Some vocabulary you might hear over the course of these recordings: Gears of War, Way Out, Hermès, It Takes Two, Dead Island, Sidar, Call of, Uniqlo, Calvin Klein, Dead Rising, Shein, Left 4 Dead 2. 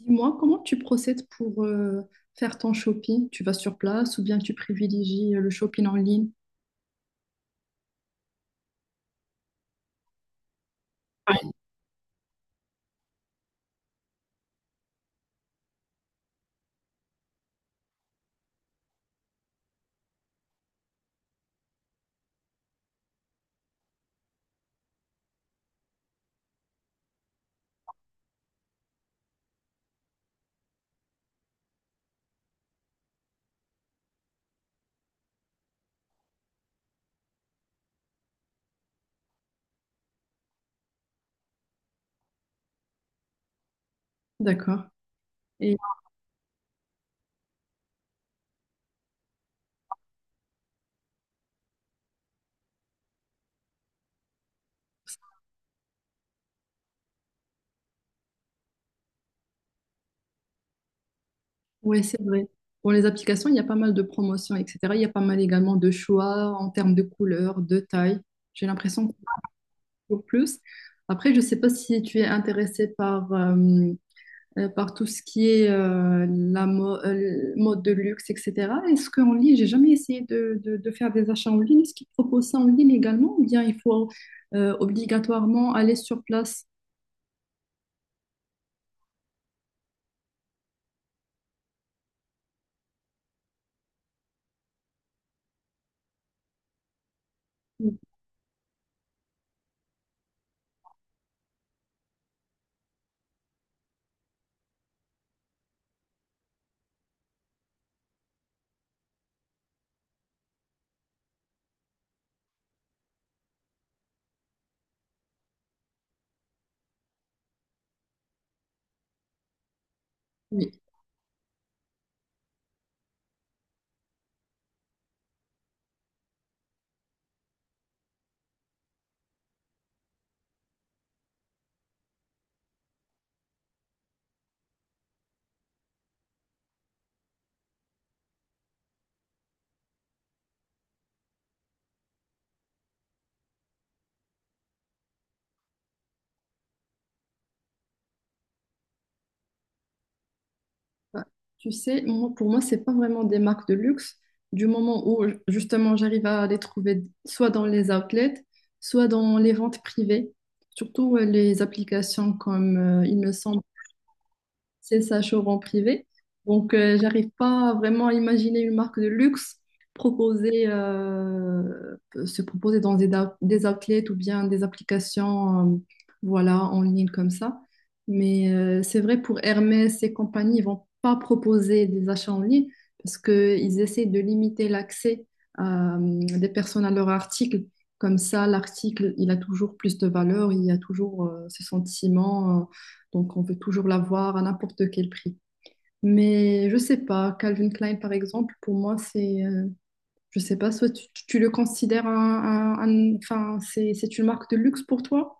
Dis-moi, comment tu procèdes pour faire ton shopping? Tu vas sur place ou bien tu privilégies le shopping en ligne? Ouais. D'accord. Et ouais, c'est vrai. Pour les applications, il y a pas mal de promotions, etc. Il y a pas mal également de choix en termes de couleurs, de taille. J'ai l'impression qu'on trouve plus. Après, je ne sais pas si tu es intéressé par par tout ce qui est la mode de luxe, etc. Est-ce qu'en ligne, j'ai jamais essayé de faire des achats en ligne. Est-ce qu'ils proposent ça en ligne également ou bien il faut obligatoirement aller sur place? Oui. Bah, tu sais, moi, pour moi, c'est pas vraiment des marques de luxe. Du moment où justement j'arrive à les trouver soit dans les outlets, soit dans les ventes privées, surtout les applications comme, il me semble, c'est ça, showroom privé. Donc, j'arrive pas vraiment à imaginer une marque de luxe proposer, se proposer dans des outlets ou bien des applications, voilà, en ligne comme ça. Mais c'est vrai, pour Hermès et compagnie, ils vont pas proposer des achats en ligne parce qu'ils essaient de limiter l'accès euh, des personnes à leur article. Comme ça, l'article, il a toujours plus de valeur, il y a toujours ce sentiment. Donc, on veut toujours l'avoir à n'importe quel prix. Mais je sais pas, Calvin Klein, par exemple, pour moi, c'est, je sais pas, soit tu le considères enfin, c'est une marque de luxe pour toi?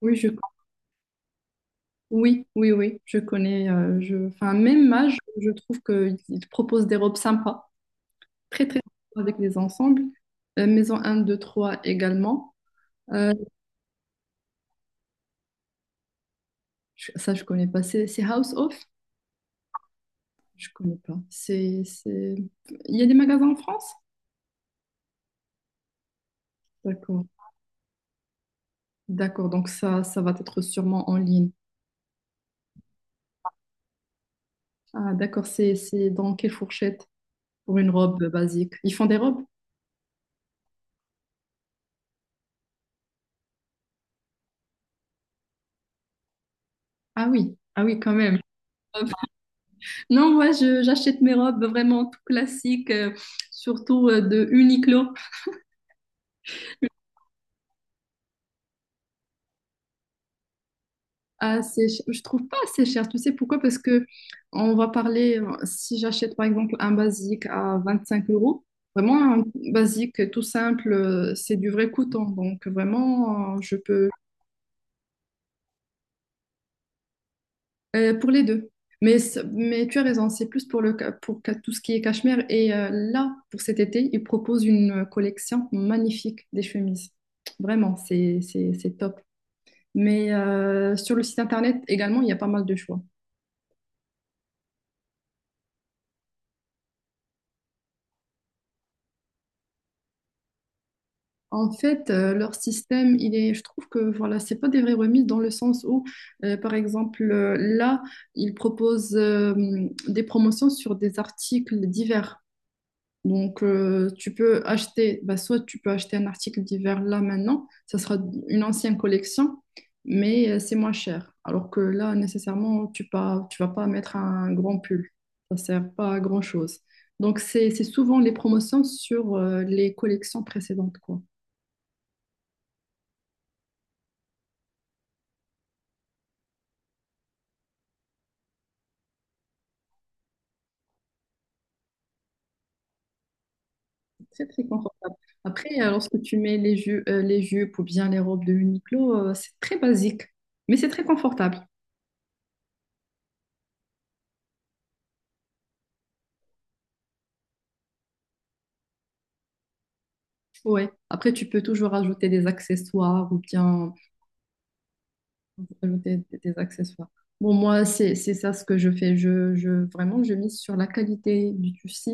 Oui, oui, oui, oui, je connais, enfin, même âge, je trouve qu'ils te proposent des robes sympas, très, très sympas avec des ensembles. Maison un 2 3 également. Euh, Ça, je connais pas. C'est House Off? Je connais pas. C'est... Il y a des magasins en France? D'accord. D'accord, donc ça va être sûrement en ligne. Ah, d'accord, c'est dans quelle fourchette pour une robe basique? Ils font des robes? Ah oui, ah oui, quand même. Non, moi, j'achète mes robes vraiment tout classiques, surtout de Uniqlo. Ah, je trouve pas assez cher. Tu sais pourquoi? Parce que on va parler, si j'achète par exemple un basique à 25 euros, vraiment un basique tout simple, c'est du vrai coton. Donc vraiment, je peux. Pour les deux. Mais, mais tu as raison, c'est plus pour, le, ca- pour ca- tout ce qui est cachemire. Et là, pour cet été, ils proposent une collection magnifique des chemises. Vraiment, c'est top. Mais sur le site internet également, il y a pas mal de choix. En fait, leur système, je trouve que voilà, c'est pas des vraies remises dans le sens où, par exemple, là, ils proposent des promotions sur des articles divers. Donc, tu peux acheter, bah, soit tu peux acheter un article d'hiver là maintenant, ça sera une ancienne collection, mais c'est moins cher. Alors que là, nécessairement, tu vas pas mettre un grand pull. Ça sert pas à grand-chose. Donc, c'est souvent les promotions sur les collections précédentes, quoi. C'est très, très confortable. Après, lorsque tu mets les les jupes ou bien les robes de Uniqlo, c'est très basique, mais c'est très confortable. Ouais. Après, tu peux toujours ajouter des accessoires ou bien pour ajouter des accessoires. Bon, moi, c'est ça ce que je fais. Vraiment, je mise sur la qualité du tissu,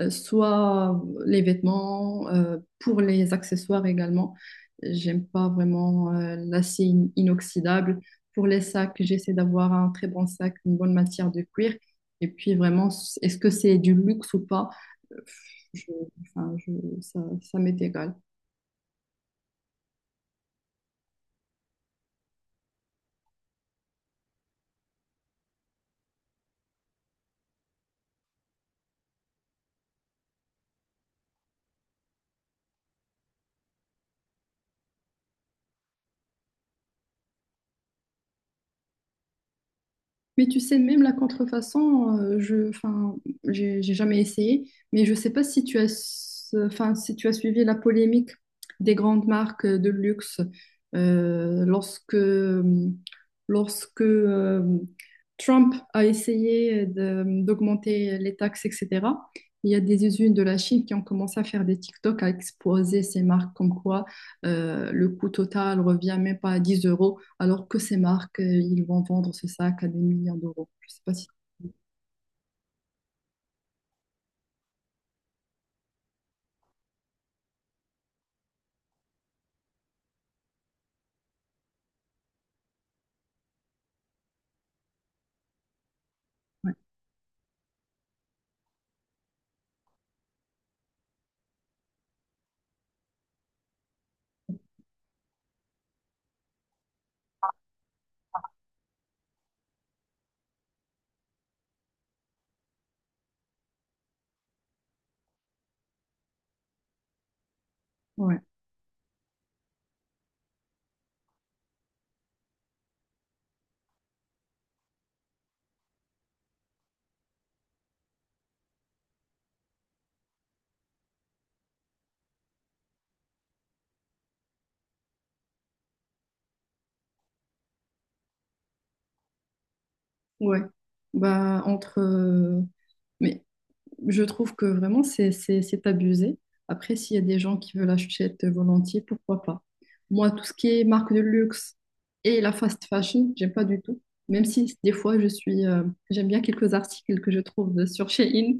soit les vêtements, pour les accessoires également. J'aime pas vraiment l'acier inoxydable. Pour les sacs, j'essaie d'avoir un très bon sac, une bonne matière de cuir. Et puis, vraiment, est-ce que c'est du luxe ou pas? Euh, Je, enfin, ça, ça m'est égal. Mais tu sais, même la contrefaçon, enfin, j'ai jamais essayé, mais je sais pas si tu as, enfin, si tu as suivi la polémique des grandes marques de luxe euh, lorsque, lorsque Trump a essayé d'augmenter les taxes, etc. Il y a des usines de la Chine qui ont commencé à faire des TikTok, à exposer ces marques comme quoi le coût total revient même pas à 10 euros alors que ces marques, ils vont vendre ce sac à des millions d'euros. Je sais pas si... Ouais, ouais. Bah, entre... mais je trouve que vraiment, c'est abusé. Après, s'il y a des gens qui veulent acheter volontiers, pourquoi pas? Moi, tout ce qui est marque de luxe et la fast fashion, j'aime pas du tout. Même si des fois, j'aime bien quelques articles que je trouve sur Shein.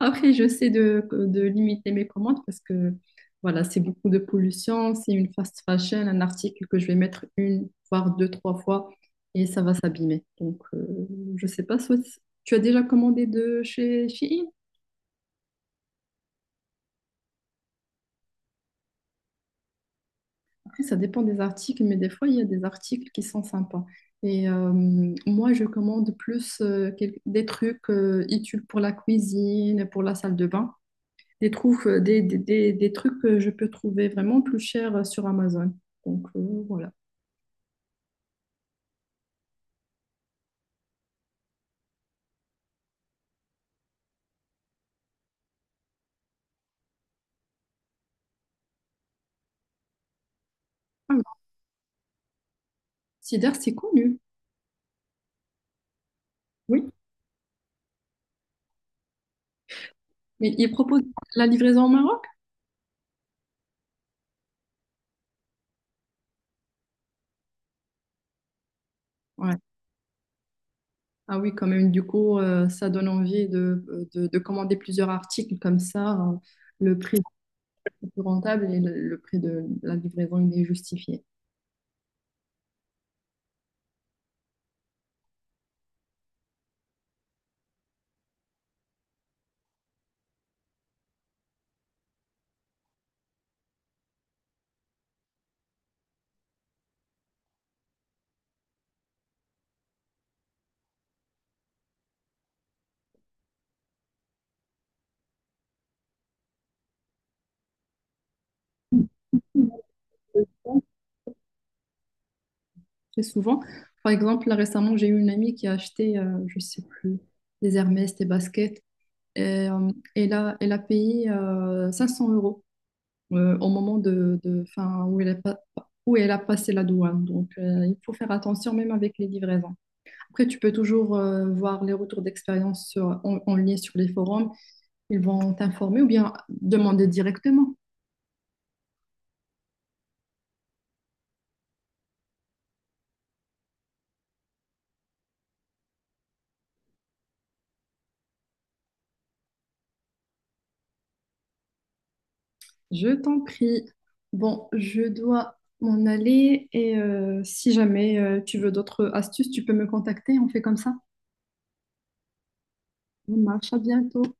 Après, j'essaie de limiter mes commandes parce que voilà, c'est beaucoup de pollution. C'est une fast fashion, un article que je vais mettre une, voire deux, trois fois et ça va s'abîmer. Donc, je sais pas, soit tu as déjà commandé de chez Shein? Après, ça dépend des articles, mais des fois, il y a des articles qui sont sympas. Et moi, je commande plus des trucs utiles pour la cuisine, pour la salle de bain. Des, trouves- des trucs que je peux trouver vraiment plus chers sur Amazon. Donc voilà. Ah oui, Sidar, c'est connu. Oui. Mais il propose la livraison au Maroc? Ouais. Ah oui, quand même. Du coup, ça donne envie de commander plusieurs articles comme ça. Le prix est plus rentable et le prix de la livraison, il est justifié. Très souvent. Par exemple, là récemment, j'ai eu une amie qui a acheté, je sais plus, des Hermès, des baskets. Et, elle a payé 500 euros au moment enfin, où elle a pas- où elle a passé la douane. Donc, il faut faire attention même avec les livraisons. Après, tu peux toujours voir les retours d'expérience en, en ligne sur les forums. Ils vont t'informer ou bien demander directement. Je t'en prie. Bon, je dois m'en aller et si jamais tu veux d'autres astuces, tu peux me contacter. On fait comme ça. On marche. À bientôt.